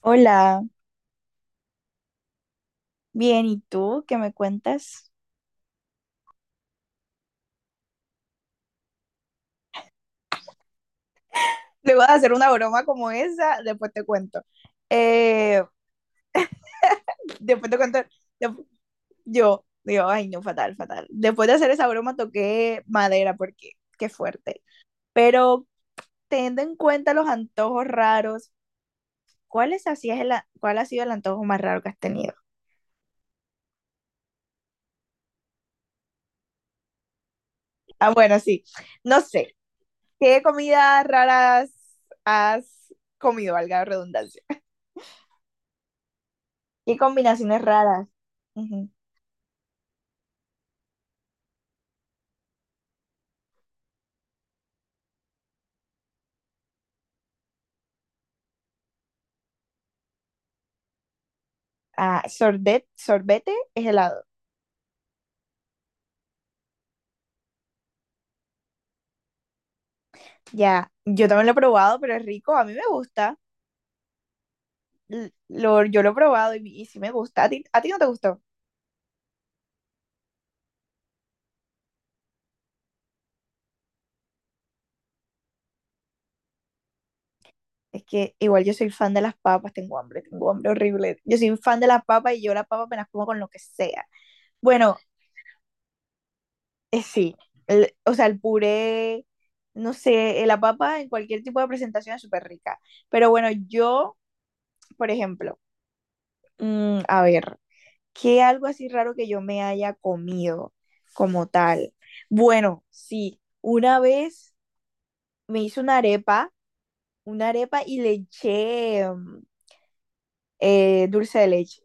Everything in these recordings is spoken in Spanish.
Hola, bien, ¿y tú qué me cuentas? Luego de hacer una broma como esa, después te cuento. Eh, después te cuento. dep- yo digo, ay, no, fatal, fatal. Después de hacer esa broma toqué madera porque qué fuerte. Pero teniendo en cuenta los antojos raros, ¿ cuál ha sido el antojo más raro que has tenido? Ah, bueno, sí. No sé. ¿Qué comidas raras has comido, valga la redundancia? ¿Qué combinaciones raras? Ah, sorbet, sorbete es helado. Ya, yo también lo he probado, pero es rico, a mí me gusta. Yo lo he probado y, sí me gusta. ¿A ti, no te gustó? Es que igual yo soy fan de las papas, tengo hambre horrible. Yo soy fan de las papas y yo las papas me las como con lo que sea. Bueno, sí, o sea, el puré, no sé, la papa en cualquier tipo de presentación es súper rica. Pero bueno, yo, por ejemplo, a ver, que algo así raro que yo me haya comido como tal. Bueno, sí, una vez me hice una arepa y le eché dulce de leche.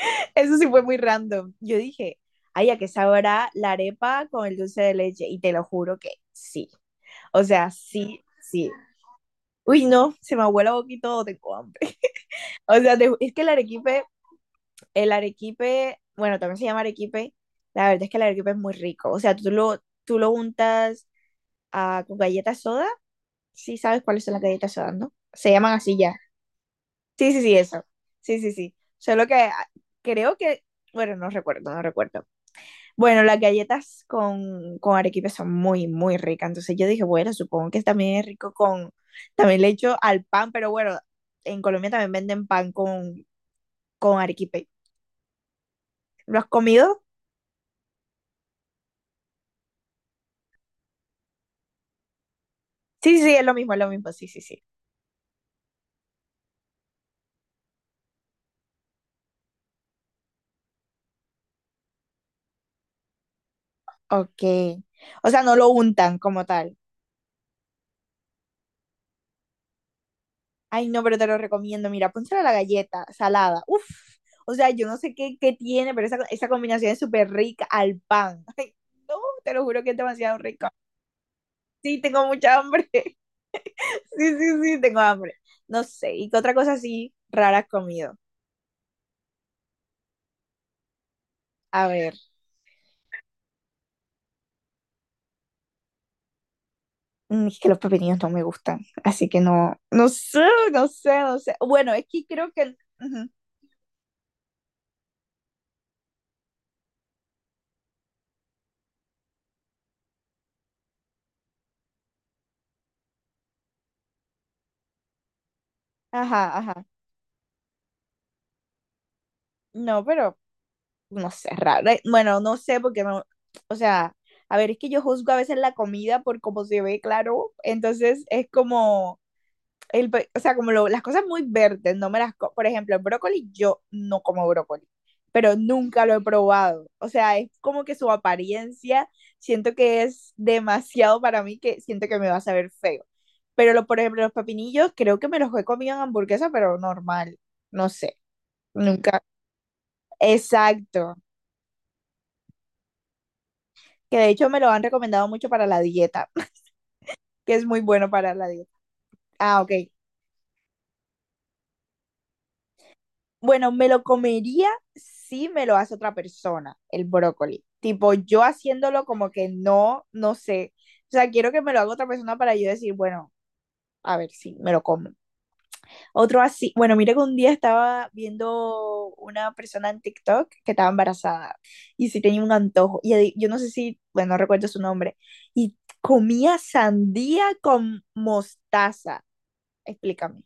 Eso sí fue muy random. Yo dije, ay, ¿a qué sabrá la arepa con el dulce de leche? Y te lo juro que sí. O sea, sí, sí. Uy, no, se me abuela boquito, tengo hambre. O sea, es que el arequipe. El arequipe, bueno, también se llama arequipe. La verdad es que el arequipe es muy rico. O sea, tú lo untas, ah, con galletas soda. Sí sabes cuáles son las galletas soda, ¿no? Se llaman así ya. Sí, sí, sí, eso. Sí, sí, sí. Solo que ah, creo que, bueno, no recuerdo. Bueno, las galletas con arequipe son muy, muy ricas. Entonces yo dije, bueno, supongo que también es rico con, también le echo al pan, pero bueno, en Colombia también venden pan con arequipe. ¿Lo has comido? Sí, sí, sí, es lo mismo, sí, sí, sí. Ok. O sea, no lo untan como tal. Ay, no, pero te lo recomiendo. Mira, pónselo a la galleta salada. Uf. O sea, yo no sé qué, qué tiene, pero esa combinación es súper rica al pan. Ay, no, te lo juro que es demasiado rico. Sí, tengo mucha hambre. Sí, sí, sí, tengo hambre. No sé. ¿Y qué otra cosa así rara has comido? A ver. Mm, es que los pepinillos no me gustan. Así que no. No sé, no sé, no sé. Bueno, es que creo que, ujú, ajá, ajá. No, pero no sé, raro. Bueno, no sé porque no, o sea, a ver, es que yo juzgo a veces la comida por cómo se ve, claro. Entonces es como, o sea, como las cosas muy verdes, no me las, co- por ejemplo, el brócoli, yo no como brócoli, pero nunca lo he probado. O sea, es como que su apariencia, siento que es demasiado para mí, que siento que me va a saber feo. Pero, lo, por ejemplo, los pepinillos, creo que me los he comido en hamburguesa, pero normal, no sé, nunca. Exacto. Que de hecho me lo han recomendado mucho para la dieta, que es muy bueno para la dieta. Ah, ok. Bueno, me lo comería si me lo hace otra persona, el brócoli. Tipo, yo haciéndolo como que no, no sé. O sea, quiero que me lo haga otra persona para yo decir, bueno, a ver si me lo como. Otro así, bueno, mira que un día estaba viendo una persona en TikTok que estaba embarazada y sí tenía un antojo. Yo no sé si, bueno, no recuerdo su nombre. Y comía sandía con mostaza. Explícame.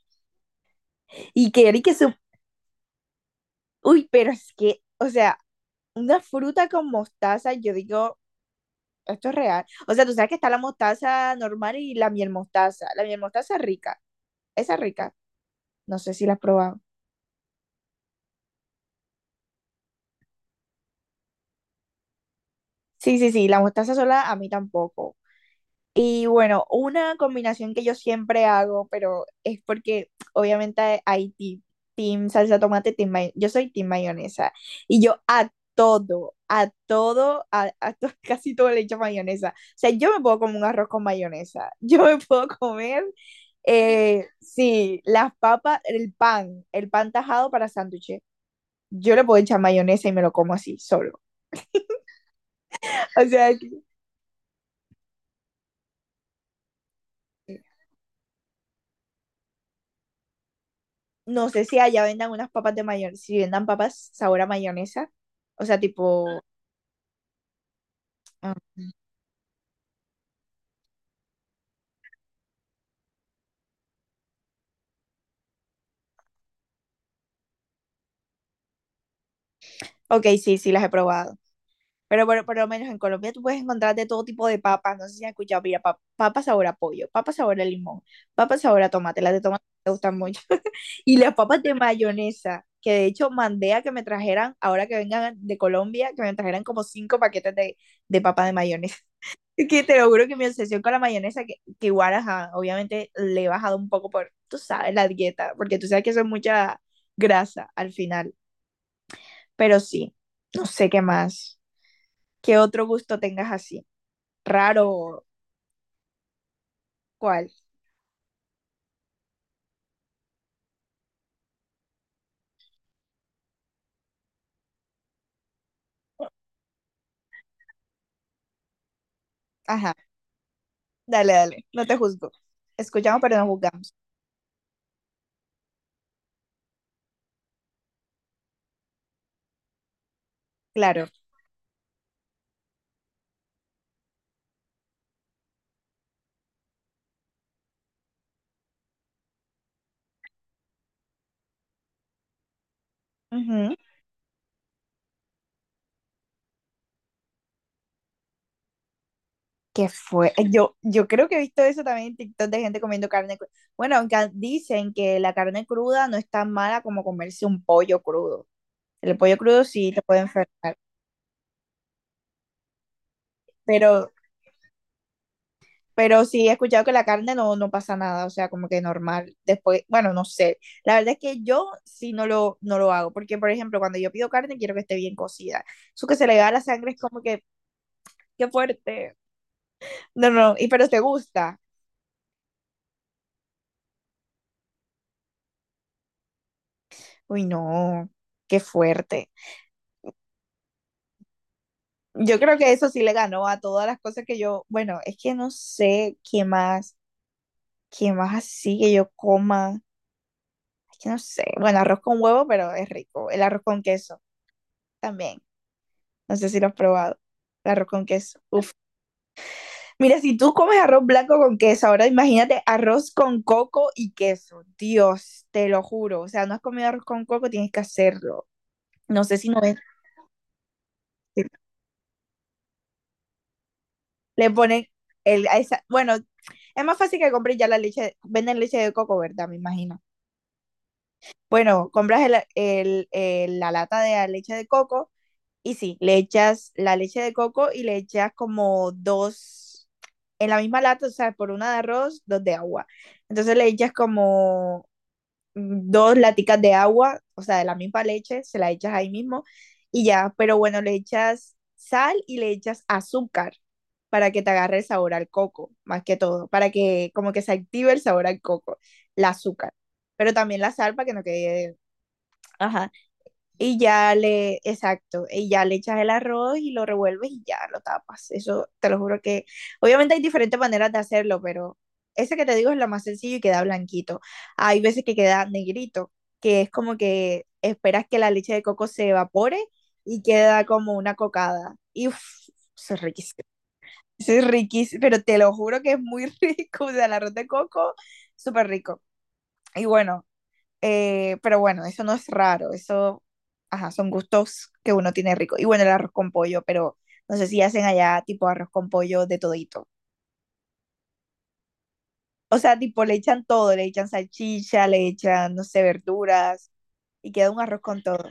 Y que Eric su... Uy, pero es que, o sea, una fruta con mostaza, yo digo, esto es real. O sea, tú sabes que está la mostaza normal y la miel mostaza. La miel mostaza es rica. Esa es rica. No sé si la has probado. Sí, sí, sí, la mostaza sola a mí tampoco. Y bueno, una combinación que yo siempre hago, pero es porque obviamente hay team salsa tomate, yo soy team mayonesa. Y yo a todo, casi todo le echo mayonesa. O sea, yo me puedo comer un arroz con mayonesa. Yo me puedo comer, sí, las papas, el pan tajado para sándwiches. Yo le puedo echar mayonesa y me lo como así, solo. O sea, no sé si allá vendan unas papas de mayonesa, si vendan papas sabor a mayonesa. O sea, tipo... ah, ok, sí, sí, las he probado. Pero por lo menos en Colombia tú puedes encontrar de todo tipo de papas. No sé si has escuchado, mira, papa sabor a pollo, papas sabor a limón, papas sabor a tomate. Las de tomate me gustan mucho. Y las papas de mayonesa, que de hecho mandé a que me trajeran, ahora que vengan de Colombia, que me trajeran como 5 paquetes de papas de mayonesa. Es que te lo juro que mi obsesión con la mayonesa, que igual, ajá, obviamente le he bajado un poco por, tú sabes, la dieta, porque tú sabes que eso es mucha grasa al final. Pero sí, no sé qué más. ¿Qué otro gusto tengas así? ¿Raro? ¿Cuál? Ajá, dale, dale, no te juzgo. Escuchamos, pero no juzgamos. Claro. Ujú. ¿Qué fue? Yo, yo creo que he visto eso también en TikTok de gente comiendo carne cruda. Bueno, aunque dicen que la carne cruda no es tan mala como comerse un pollo crudo. El pollo crudo sí te puede enfermar, pero, pero sí he escuchado que la carne no, no pasa nada, o sea, como que normal. Después, bueno, no sé. La verdad es que yo sí no lo, no lo hago, porque por ejemplo, cuando yo pido carne quiero que esté bien cocida. Eso que se le va a la sangre es como que, qué fuerte. No, no, y pero te gusta. Uy, no, qué fuerte. Yo creo que eso sí le ganó a todas las cosas que yo, bueno, es que no sé qué más así que yo coma. Es que no sé. Bueno, arroz con huevo, pero es rico. El arroz con queso también. No sé si lo has probado. El arroz con queso. Mira, si tú comes arroz blanco con queso, ahora imagínate arroz con coco y queso. Dios, te lo juro. O sea, no has comido arroz con coco, tienes que hacerlo. No sé si no es. Si le ponen el, bueno, es más fácil que compres ya la leche, venden leche de coco, ¿verdad? Me imagino. Bueno, compras la lata de la leche de coco. Y sí, le echas la leche de coco y le echas como dos, en la misma lata, o sea, por una de arroz, dos de agua. Entonces le echas como dos laticas de agua, o sea, de la misma leche, se la echas ahí mismo y ya, pero bueno, le echas sal y le echas azúcar para que te agarre el sabor al coco, más que todo, para que como que se active el sabor al coco, el azúcar, pero también la sal para que no quede, ajá, exacto, y ya le echas el arroz y lo revuelves y ya lo tapas. Eso te lo juro que, obviamente hay diferentes maneras de hacerlo, pero ese que te digo es la más sencilla y queda blanquito. Hay veces que queda negrito, que es como que esperas que la leche de coco se evapore y queda como una cocada. Y uff, eso es riquísimo. Eso es riquísimo, pero te lo juro que es muy rico. O sea, el arroz de coco, súper rico. Y bueno, pero bueno, eso no es raro, eso, ajá, son gustos que uno tiene rico. Y bueno, el arroz con pollo, pero no sé si hacen allá tipo arroz con pollo de todito. O sea, tipo le echan todo, le echan salchicha, le echan, no sé, verduras y queda un arroz con todo.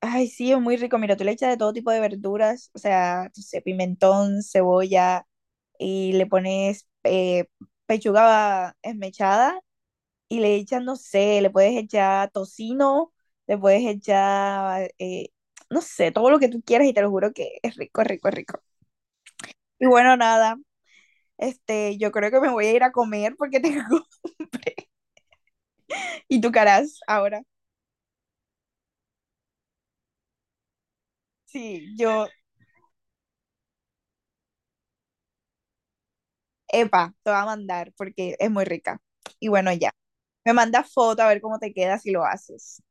Ay, sí, es muy rico. Mira, tú le echas de todo tipo de verduras, o sea, no sé, pimentón, cebolla y le pones pechuga esmechada y le echas, no sé, le puedes echar tocino, le puedes echar, no sé, todo lo que tú quieras y te lo juro que es rico, es rico, es rico. Y bueno, nada, este, yo creo que me voy a ir a comer porque tengo y tu caras ahora. Sí, yo, epa, te voy a mandar porque es muy rica. Y bueno, ya. Me mandas foto a ver cómo te queda si lo haces.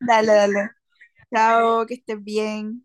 Dale, dale. Chao, que estés bien.